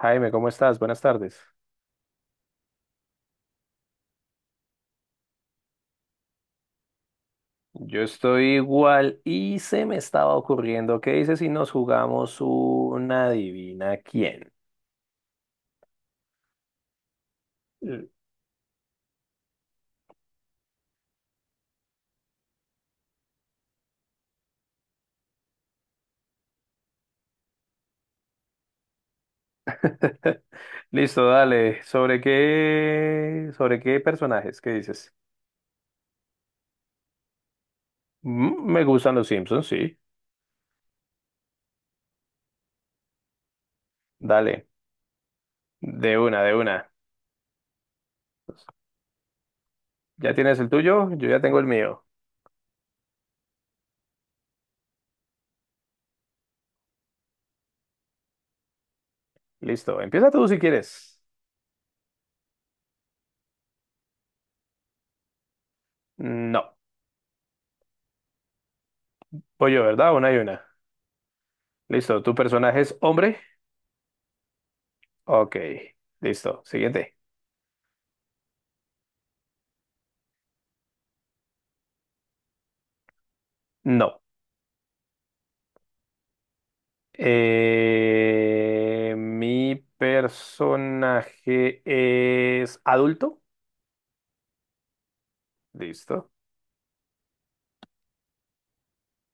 Jaime, ¿cómo estás? Buenas tardes. Yo estoy igual y se me estaba ocurriendo, ¿qué dices si nos jugamos una adivina quién? L- Listo, dale. Sobre qué personajes? ¿Qué dices? Me gustan los Simpsons, sí. Dale, de una, de una. ¿Ya tienes el tuyo? Yo ya tengo el mío. Listo, empieza tú si quieres. No, voy yo, ¿verdad? Una y una. Listo, ¿tu personaje es hombre? Ok, listo. Siguiente. No. Mi personaje es adulto. Listo.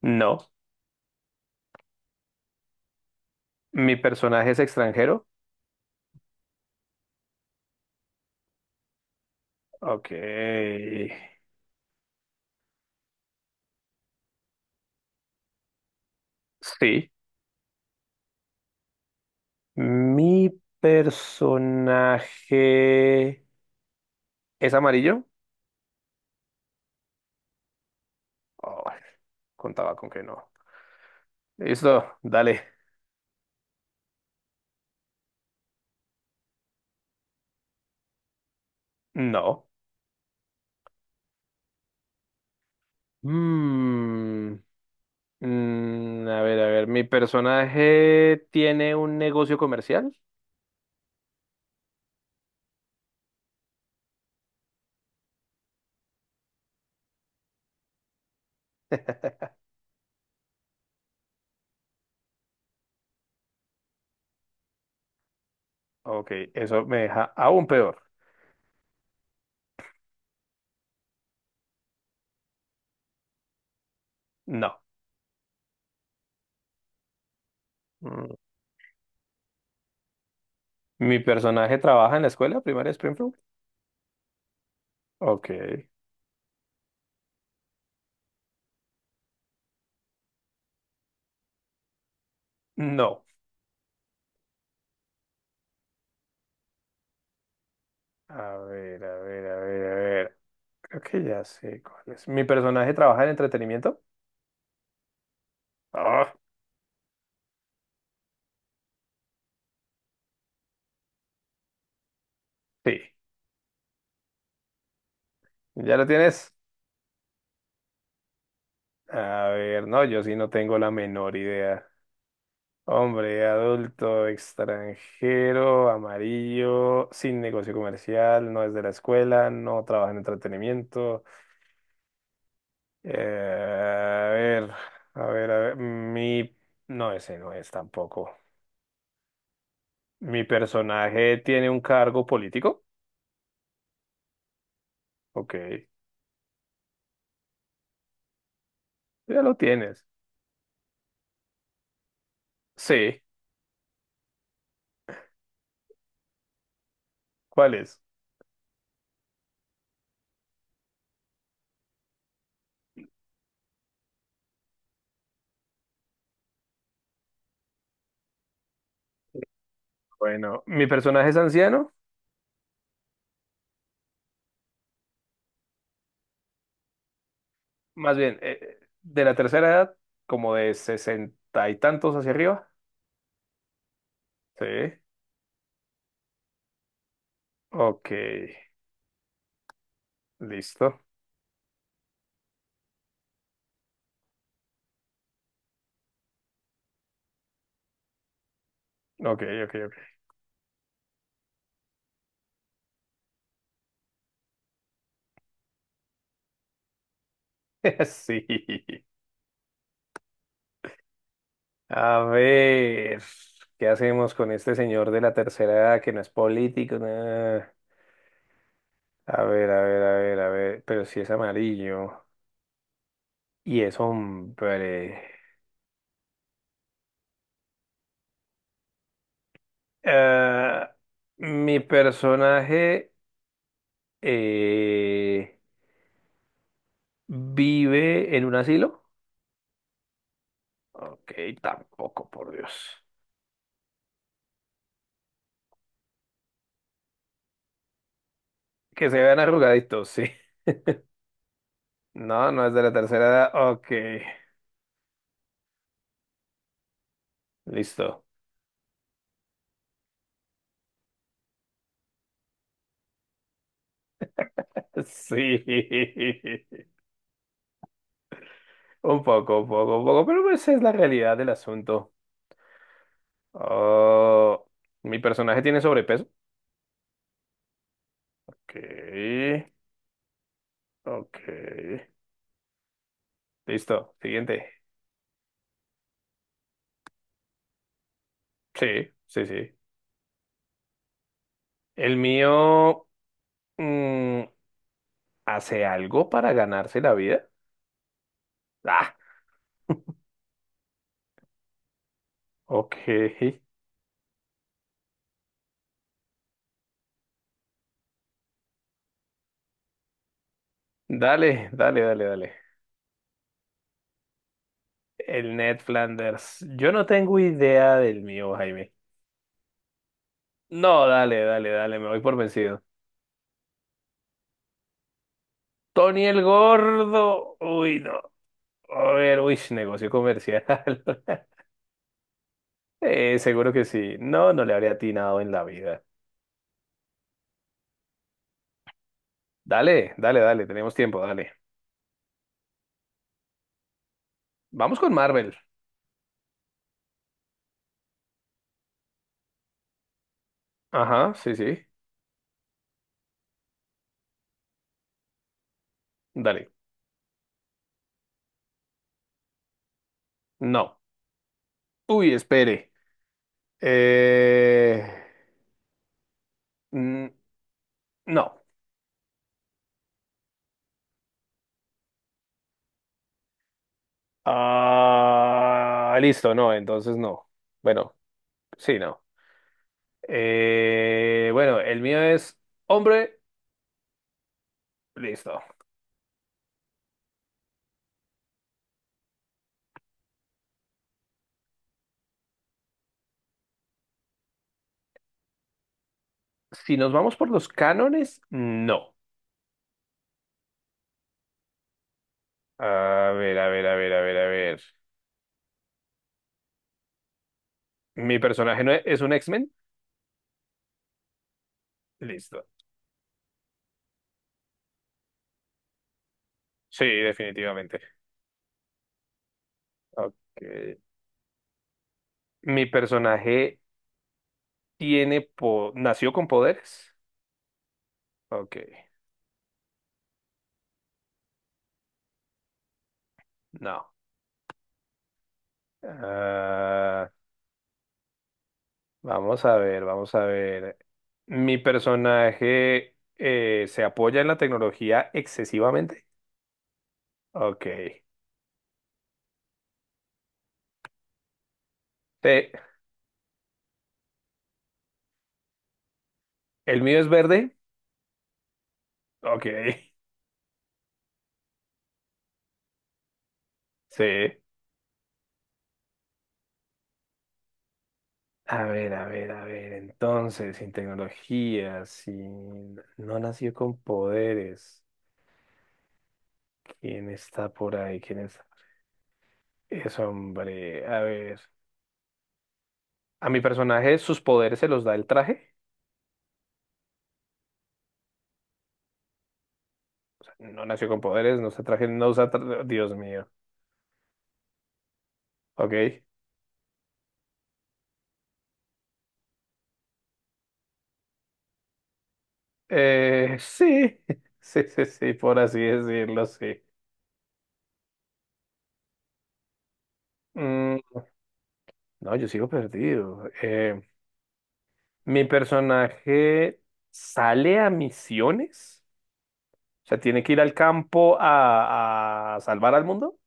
No. Mi personaje es extranjero. Ok. Sí. Mi personaje es amarillo. Oh, contaba con que no. Listo. Dale. No. Mm, a ver, a ver. Mi personaje tiene un negocio comercial. Ok, eso me deja aún peor. No. Mm. ¿Mi personaje trabaja en la escuela primaria de Springfield? Ok. No. A ver, a ver, a ver, a ver. Creo que ya sé cuál es. ¿Mi personaje trabaja en entretenimiento? Ah, sí. ¿Ya lo tienes? A ver, no, yo sí no tengo la menor idea. Hombre, adulto, extranjero, amarillo, sin negocio comercial, no es de la escuela, no trabaja en entretenimiento. Eh, a ver, a ver, a ver. Mi. No, ese no es tampoco. ¿Mi personaje tiene un cargo político? Ok, ya lo tienes. Sí, ¿cuál es? Bueno, ¿mi personaje es anciano? Más bien, de la tercera edad, como de sesenta y tantos hacia arriba. Sí, ok, listo. Ok, ok, ok. Sí. A ver, ¿qué hacemos con este señor de la tercera edad que no es político? Nah. A ver, a ver, a ver, a ver. Pero si es amarillo y es hombre. Eh, mi personaje eh, vive en un asilo. Ok, tampoco, por Dios. Que se vean arrugaditos, sí. No, no es de la tercera edad. Ok, listo. Sí, un poco, un poco, un poco, pero esa es la realidad del asunto. Oh, mi personaje tiene sobrepeso. Ok. Ok. Listo. Siguiente. Sí, sí, sí. El mío mm, hace algo para ganarse la vida. Ah, ok. Dale, dale, dale, dale. El Ned Flanders. Yo no tengo idea del mío, Jaime. No, dale, dale, dale. Me voy por vencido. Tony el Gordo. Uy, no. A ver, uy, negocio comercial. Seguro que sí. No, no le habría atinado en la vida. Dale, dale, dale. Tenemos tiempo, dale. Vamos con Marvel. Ajá, sí, sí. Dale. No. Uy, espere. Eh, mm, no. Ah, listo, no, entonces no. Bueno, sí, no. Bueno, el mío es hombre. Listo. Si nos vamos por los cánones, no. A ver, a ver, a ver, a ver, a ver. ¿Mi personaje no es, es un X-Men? Listo. Sí, definitivamente. Ok. ¿Mi personaje nació con poderes? Ok, no. Ah, vamos a ver, vamos a ver. ¿Mi personaje se apoya en la tecnología excesivamente? Ok. Te- ¿El mío es verde? Ok, sí. A ver, a ver, a ver. Entonces, sin tecnología, sin no nació con poderes. ¿Quién está por ahí? ¿Quién es? Es hombre. A ver. ¿A mi personaje sus poderes se los da el traje? No nació con poderes, no se traje, no usa, tra- Dios mío. Ok. Sí, sí, sí, sí, por así decirlo, sí. Mm, no, yo sigo perdido. Mi personaje sale a misiones, o sea, tiene que ir al campo a salvar al mundo.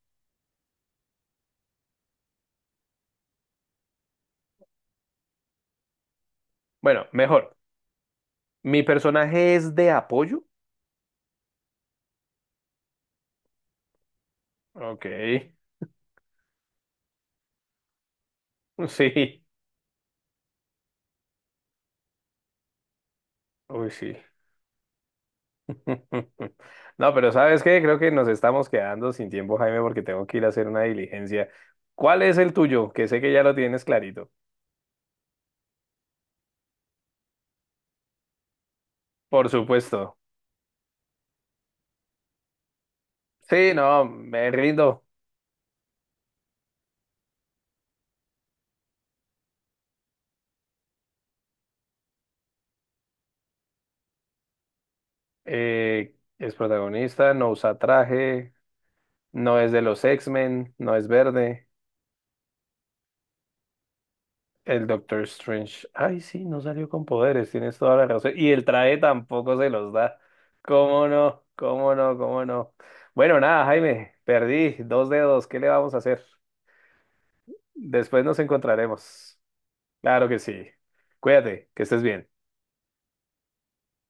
Bueno, mejor. Mi personaje es de apoyo. Ok, sí, uy, sí. No, pero ¿sabes qué? Creo que nos estamos quedando sin tiempo, Jaime, porque tengo que ir a hacer una diligencia. ¿Cuál es el tuyo? Que sé que ya lo tienes clarito. Por supuesto. Sí, no, me rindo. Es protagonista, no usa traje, no es de los X-Men, no es verde. El Doctor Strange. Ay, sí, no salió con poderes, tienes toda la razón. Y el traje tampoco se los da. ¿Cómo no? ¿Cómo no? ¿Cómo no? Bueno, nada, Jaime, perdí dos dedos. ¿Qué le vamos a hacer? Después nos encontraremos. Claro que sí. Cuídate, que estés bien.